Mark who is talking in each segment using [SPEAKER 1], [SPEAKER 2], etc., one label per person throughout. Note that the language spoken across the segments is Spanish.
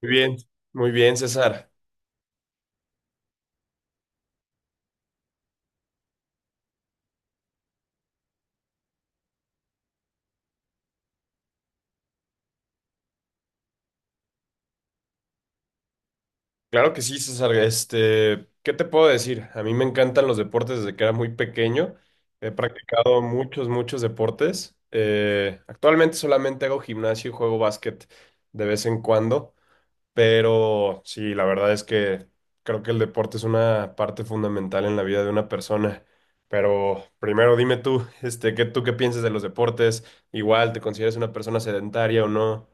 [SPEAKER 1] Muy bien, muy bien, César. Claro que sí, César. Este, ¿qué te puedo decir? A mí me encantan los deportes desde que era muy pequeño. He practicado muchos, muchos deportes. Actualmente solamente hago gimnasio y juego básquet de vez en cuando, pero sí, la verdad es que creo que el deporte es una parte fundamental en la vida de una persona. Pero primero dime tú, este, ¿qué piensas de los deportes? Igual, ¿te consideras una persona sedentaria o no?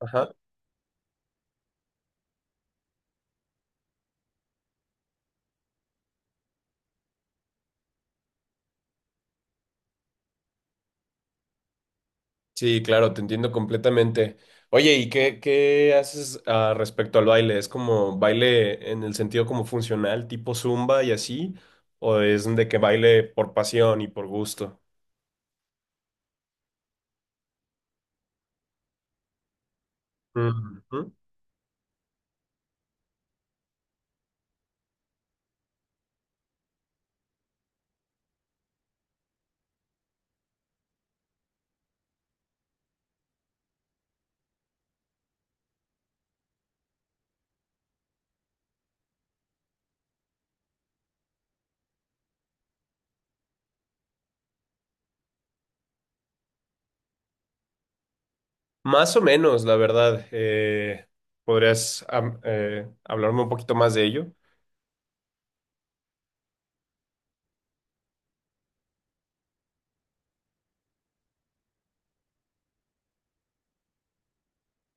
[SPEAKER 1] Ajá. Sí, claro, te entiendo completamente. Oye, ¿y qué haces respecto al baile? ¿Es como baile en el sentido como funcional, tipo zumba y así? ¿O es de que baile por pasión y por gusto? Ujú. Más o menos, la verdad. ¿Podrías hablarme un poquito más de ello?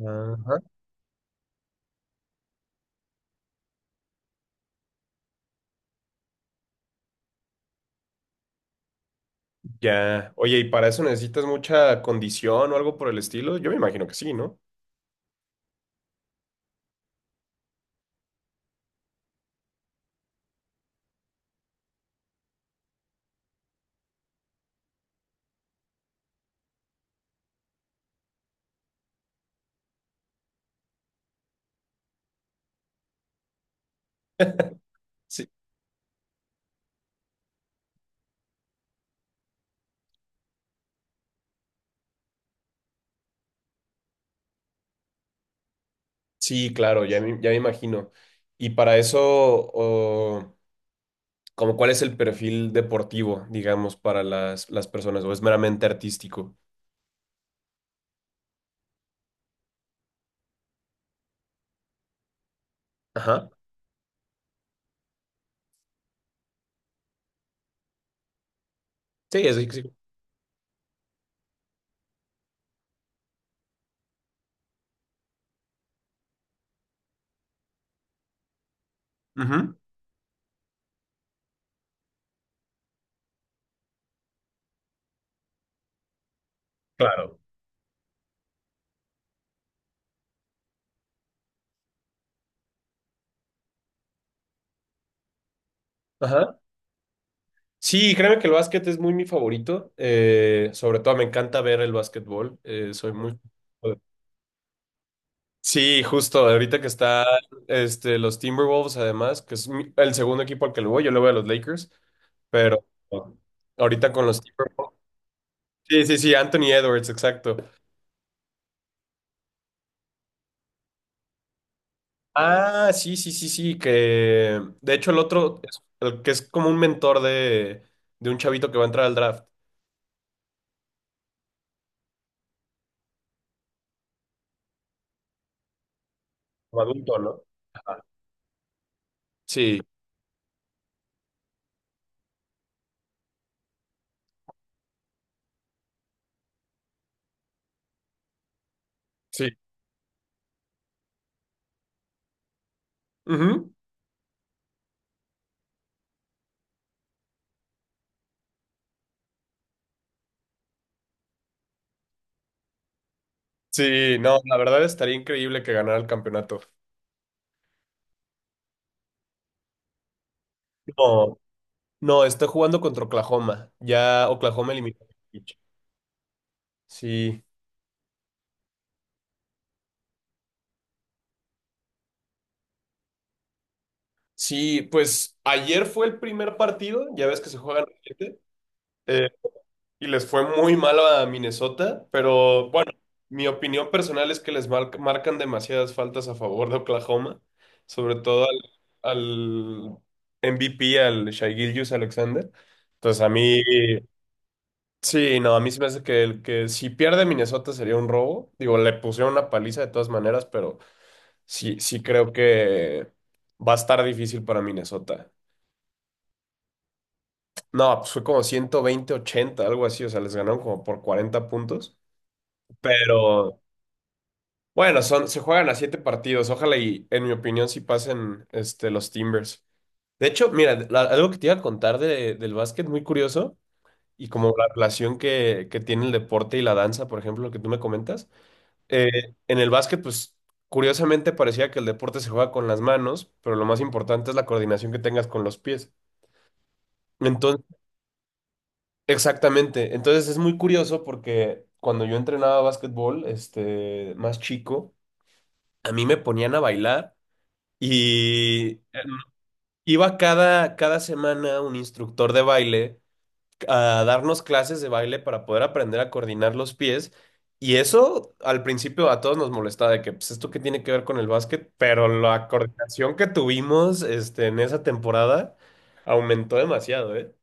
[SPEAKER 1] Ajá. Ya. Oye, ¿y para eso necesitas mucha condición o algo por el estilo? Yo me imagino que sí, ¿no? Sí, sí, claro, ya me imagino. Y para eso, como cuál es el perfil deportivo, digamos, para las personas, o es meramente artístico. Ajá. Sí, es sí. Sí. Ujú. Claro. Ajá. Sí, créeme que el básquet es muy mi favorito. Sobre todo me encanta ver el básquetbol. Soy muy... Sí, justo, ahorita que están este, los Timberwolves, además, que es el segundo equipo al que le voy, yo le voy a los Lakers, pero ahorita con los Timberwolves. Sí, sí, sí, Anthony Edwards, exacto. Ah, sí, sí, sí, sí, que de hecho el otro, el que es como un mentor de un chavito que va a entrar al draft, como adulto, ¿no? Ajá. Sí, sí. Ujú. Sí, no, la verdad estaría increíble que ganara el campeonato. No, no, está jugando contra Oklahoma. Ya Oklahoma eliminó a Jokic. Sí, sí, pues ayer fue el primer partido, ya ves que se juegan siete. Y les fue muy mal a Minnesota, pero bueno, mi opinión personal es que les marcan demasiadas faltas a favor de Oklahoma, sobre todo al MVP, al Shai Gilgeous-Alexander. Entonces a mí, sí, no, a mí se me hace que, que si pierde Minnesota sería un robo. Digo, le pusieron una paliza de todas maneras, pero sí, sí creo que va a estar difícil para Minnesota. No, pues fue como 120-80 algo así, o sea, les ganaron como por 40 puntos. Pero bueno, son, se juegan a siete partidos. Ojalá y, en mi opinión, sí pasen este, los Timbers. De hecho, mira, algo que te iba a contar del básquet, muy curioso, y como la relación que tiene el deporte y la danza, por ejemplo, lo que tú me comentas. Eh, en el básquet, pues, curiosamente parecía que el deporte se juega con las manos, pero lo más importante es la coordinación que tengas con los pies. Entonces, exactamente. Entonces, es muy curioso porque cuando yo entrenaba básquetbol, este, más chico, a mí me ponían a bailar. Y iba cada, cada semana un instructor de baile a darnos clases de baile para poder aprender a coordinar los pies. Y eso al principio a todos nos molestaba de que, pues, ¿esto qué tiene que ver con el básquet? Pero la coordinación que tuvimos, este, en esa temporada aumentó demasiado, ¿eh?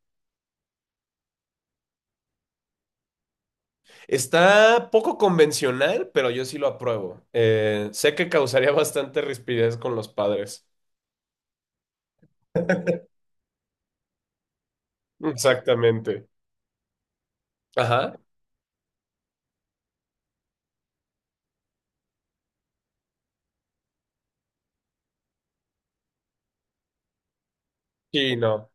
[SPEAKER 1] Está poco convencional, pero yo sí lo apruebo. Sé que causaría bastante rispidez con los padres. Exactamente. Ajá. Sí, no.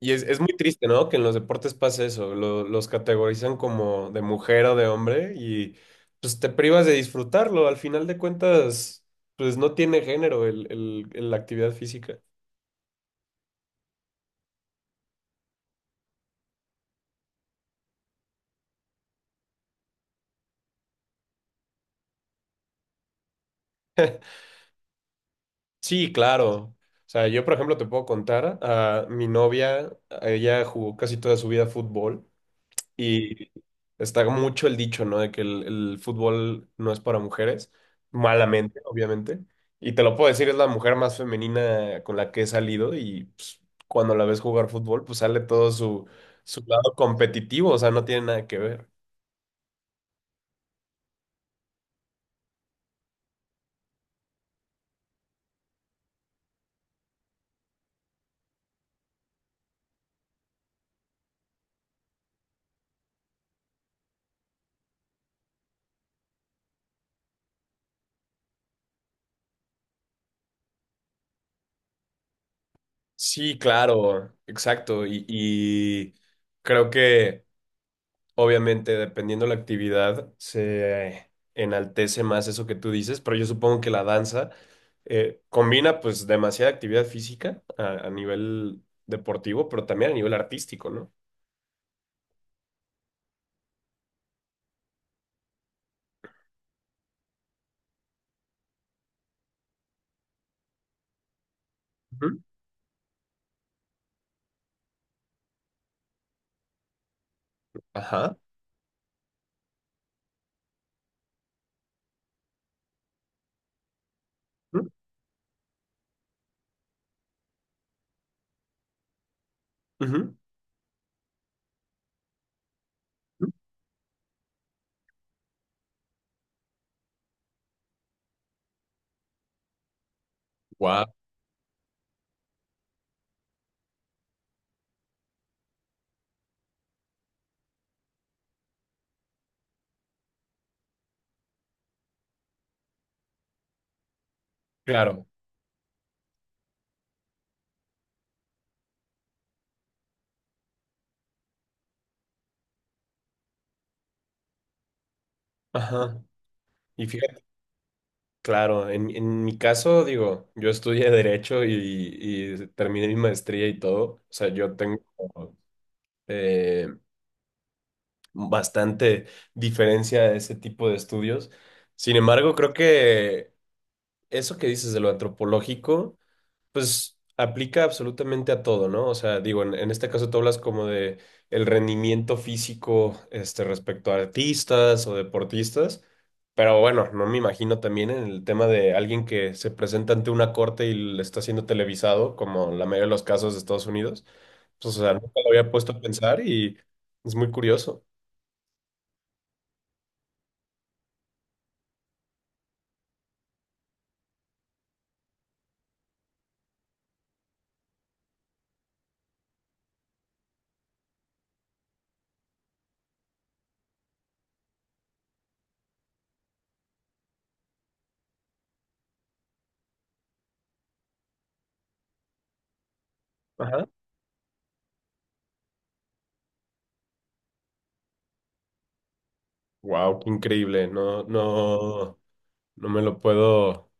[SPEAKER 1] Y es muy triste, ¿no? Que en los deportes pase eso, los categorizan como de mujer o de hombre y pues te privas de disfrutarlo. Al final de cuentas, pues no tiene género la actividad física. Sí, claro. O sea, yo por ejemplo te puedo contar a mi novia, ella jugó casi toda su vida fútbol. Y está mucho el dicho, ¿no? De que el fútbol no es para mujeres, malamente, obviamente. Y te lo puedo decir, es la mujer más femenina con la que he salido y pues, cuando la ves jugar fútbol, pues sale todo su, su lado competitivo, o sea, no tiene nada que ver. Sí, claro, exacto. Y creo que... Obviamente, dependiendo la actividad, se enaltece más eso que tú dices, pero yo supongo que la danza combina pues demasiada actividad física a nivel deportivo, pero también a nivel artístico, ¿no? Ujú. Ajá. Wow. Claro. Ajá. Y fíjate, claro, en mi caso, digo, yo estudié Derecho y terminé mi maestría y todo. O sea, yo tengo eh, bastante diferencia de ese tipo de estudios. Sin embargo, creo que eso que dices de lo antropológico, pues aplica absolutamente a todo, ¿no? O sea, digo, en este caso tú hablas como de el rendimiento físico, este, respecto a artistas o deportistas, pero bueno, no me imagino también en el tema de alguien que se presenta ante una corte y le está siendo televisado, como en la mayoría de los casos de Estados Unidos. Pues, o sea, nunca lo había puesto a pensar y es muy curioso. Wow, qué increíble. No, no, no me lo puedo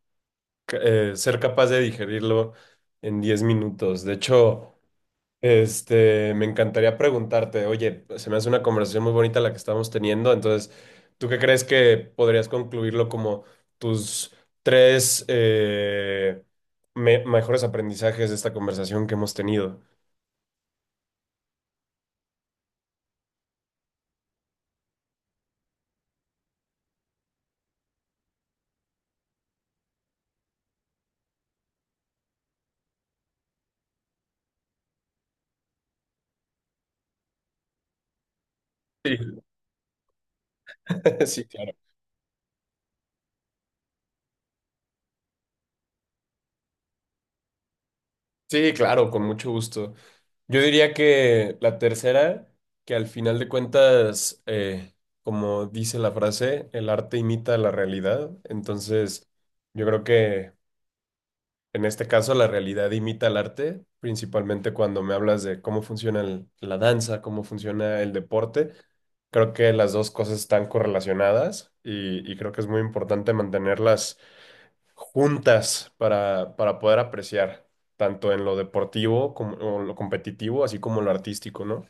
[SPEAKER 1] ser capaz de digerirlo en 10 minutos. De hecho, este, me encantaría preguntarte, oye, se me hace una conversación muy bonita la que estamos teniendo. Entonces, ¿tú qué crees que podrías concluirlo como tus tres mejores aprendizajes de esta conversación que hemos tenido? Sí, sí, claro. Sí, claro, con mucho gusto. Yo diría que la tercera, que al final de cuentas, como dice la frase, el arte imita la realidad. Entonces, yo creo que en este caso la realidad imita al arte, principalmente cuando me hablas de cómo funciona la danza, cómo funciona el deporte. Creo que las dos cosas están correlacionadas y creo que es muy importante mantenerlas juntas para poder apreciar, tanto en lo deportivo como o lo competitivo, así como en lo artístico, ¿no?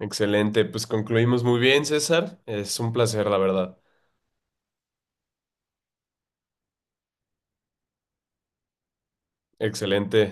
[SPEAKER 1] Excelente, pues concluimos muy bien, César. Es un placer, la verdad. Excelente.